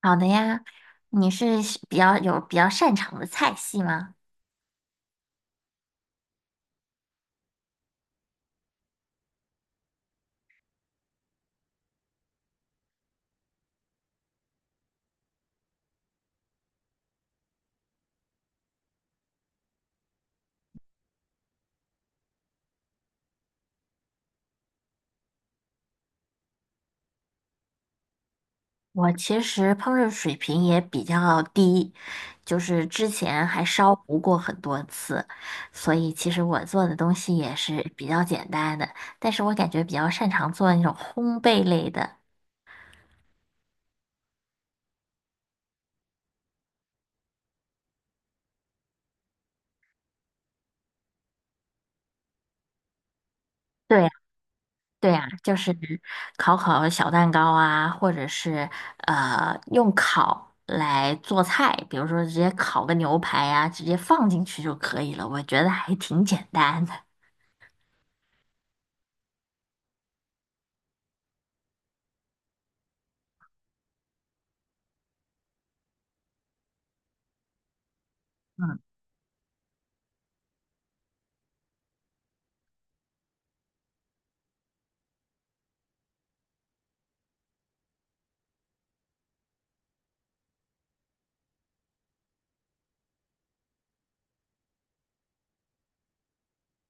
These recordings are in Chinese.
好的呀，你是喜比较有比较擅长的菜系吗？我其实烹饪水平也比较低，就是之前还烧糊过很多次，所以其实我做的东西也是比较简单的，但是我感觉比较擅长做那种烘焙类的。对，对呀，就是烤烤小蛋糕啊，或者是用烤来做菜，比如说直接烤个牛排呀、直接放进去就可以了。我觉得还挺简单的。嗯。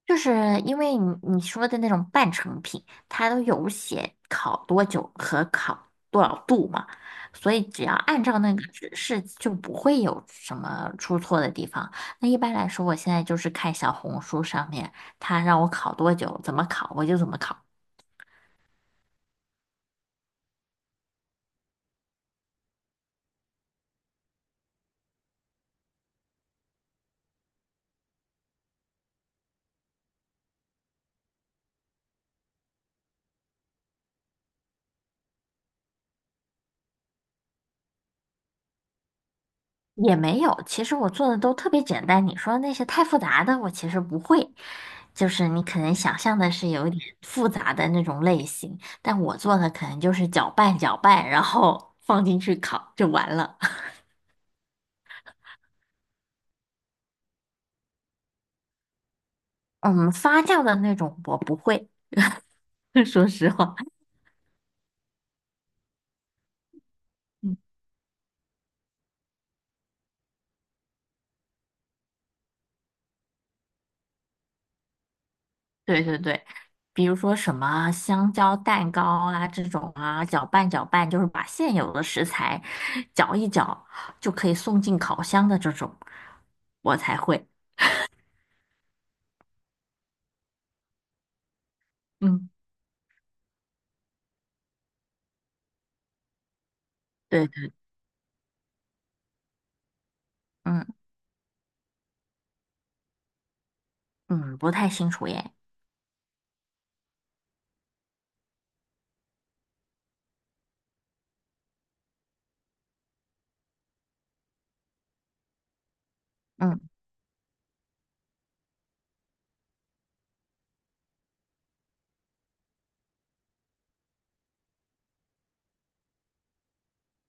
就是因为你说的那种半成品，它都有写烤多久和烤多少度嘛，所以只要按照那个指示，就不会有什么出错的地方。那一般来说，我现在就是看小红书上面，它让我烤多久，怎么烤，我就怎么烤。也没有，其实我做的都特别简单。你说那些太复杂的，我其实不会。就是你可能想象的是有一点复杂的那种类型，但我做的可能就是搅拌搅拌，然后放进去烤就完了。嗯，发酵的那种我不会，说实话。嗯，对对对，比如说什么香蕉蛋糕啊这种啊，搅拌搅拌，就是把现有的食材搅一搅就可以送进烤箱的这种，我才会。嗯。对对，嗯，嗯，不太清楚耶。嗯，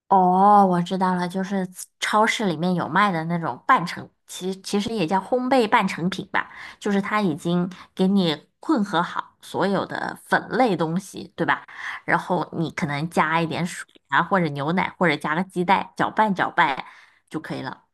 哦，我知道了，就是超市里面有卖的那种半成，其实也叫烘焙半成品吧，就是它已经给你混合好所有的粉类东西，对吧？然后你可能加一点水啊，或者牛奶，或者加个鸡蛋，搅拌搅拌就可以了。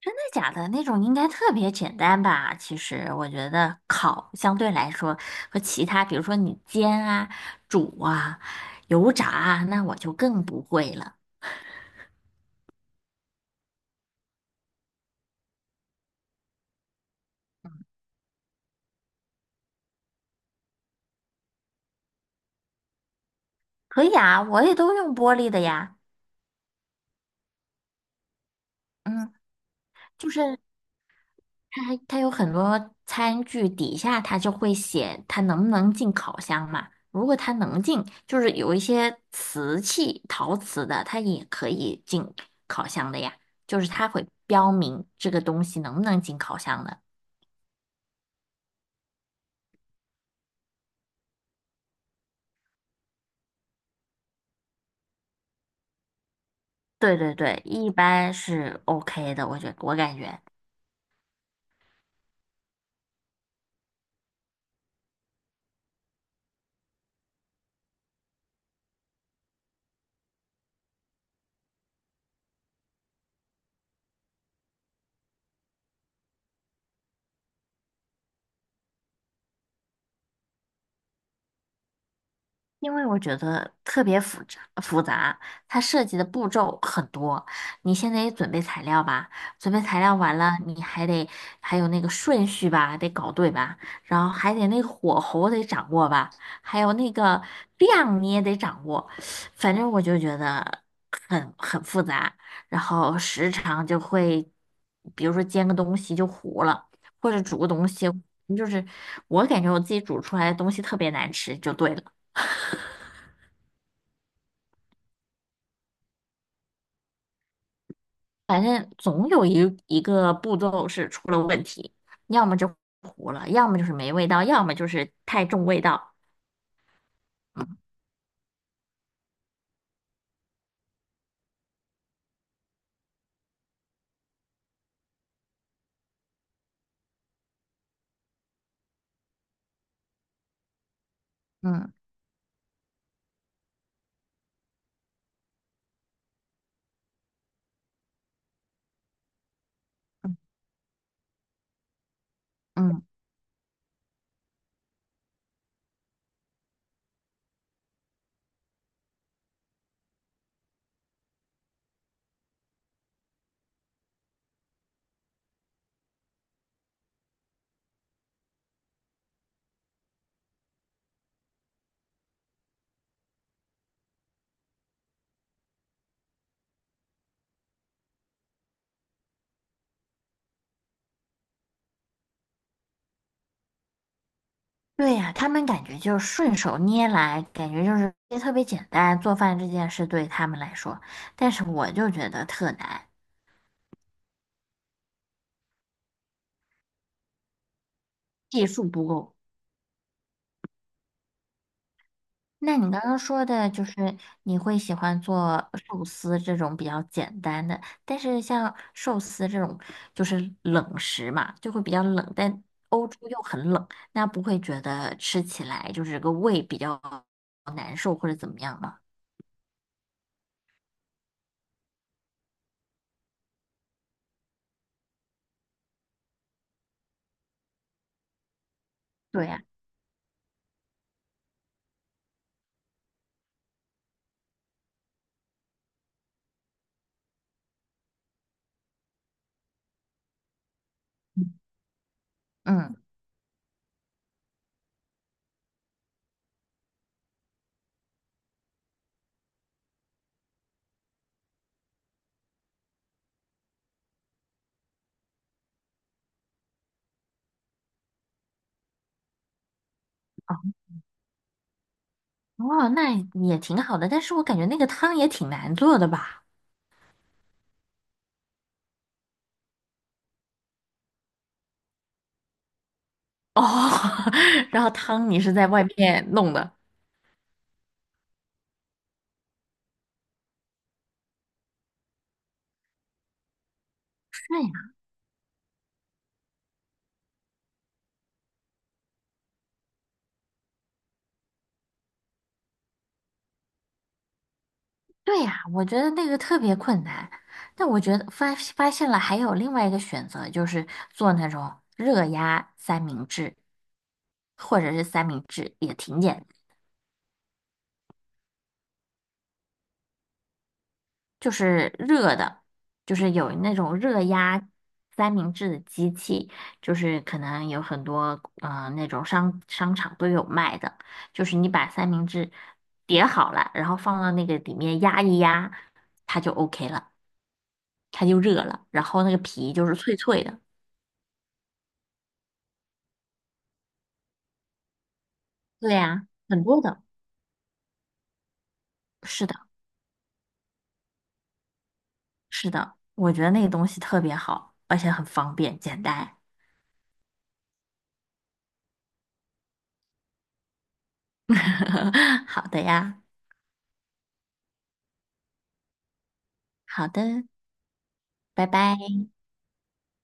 真的假的那种应该特别简单吧？其实我觉得烤相对来说和其他，比如说你煎啊、煮啊、油炸啊，那我就更不会了。可以啊，我也都用玻璃的呀。嗯，就是它它有很多餐具底下它就会写它能不能进烤箱嘛。如果它能进，就是有一些瓷器、陶瓷的，它也可以进烤箱的呀。就是它会标明这个东西能不能进烤箱的。对对对，一般是 OK 的，我感觉。因为我觉得特别复杂，它涉及的步骤很多。你现在也准备材料吧，准备材料完了，你还得还有那个顺序吧，得搞对吧，然后还得那个火候得掌握吧，还有那个量你也得掌握。反正我就觉得很复杂，然后时常就会，比如说煎个东西就糊了，或者煮个东西，就是我感觉我自己煮出来的东西特别难吃，就对了。反正总有一个步骤是出了问题，要么就糊了，要么就是没味道，要么就是太重味道。嗯，嗯，嗯，对呀，他们感觉就是顺手捏来，感觉就是也特别简单，做饭这件事对他们来说，但是我就觉得特难，技术不够。那你刚刚说的就是你会喜欢做寿司这种比较简单的，但是像寿司这种就是冷食嘛，就会比较冷，但欧洲又很冷，那不会觉得吃起来就是个胃比较难受或者怎么样吗？对呀，嗯，哦，哦那也挺好的，但是我感觉那个汤也挺难做的吧？哦，然后汤你是在外面弄的？对。对呀，我觉得那个特别困难。但我觉得发现了还有另外一个选择，就是做那种热压三明治，或者是三明治也挺简单，就是热的，就是有那种热压三明治的机器，就是可能有很多那种商场都有卖的，就是你把三明治叠好了，然后放到那个里面压一压，它就 OK 了，它就热了，然后那个皮就是脆脆的。对呀，很多的，是的，是的，我觉得那个东西特别好，而且很方便，简单。好的呀，好的，拜拜。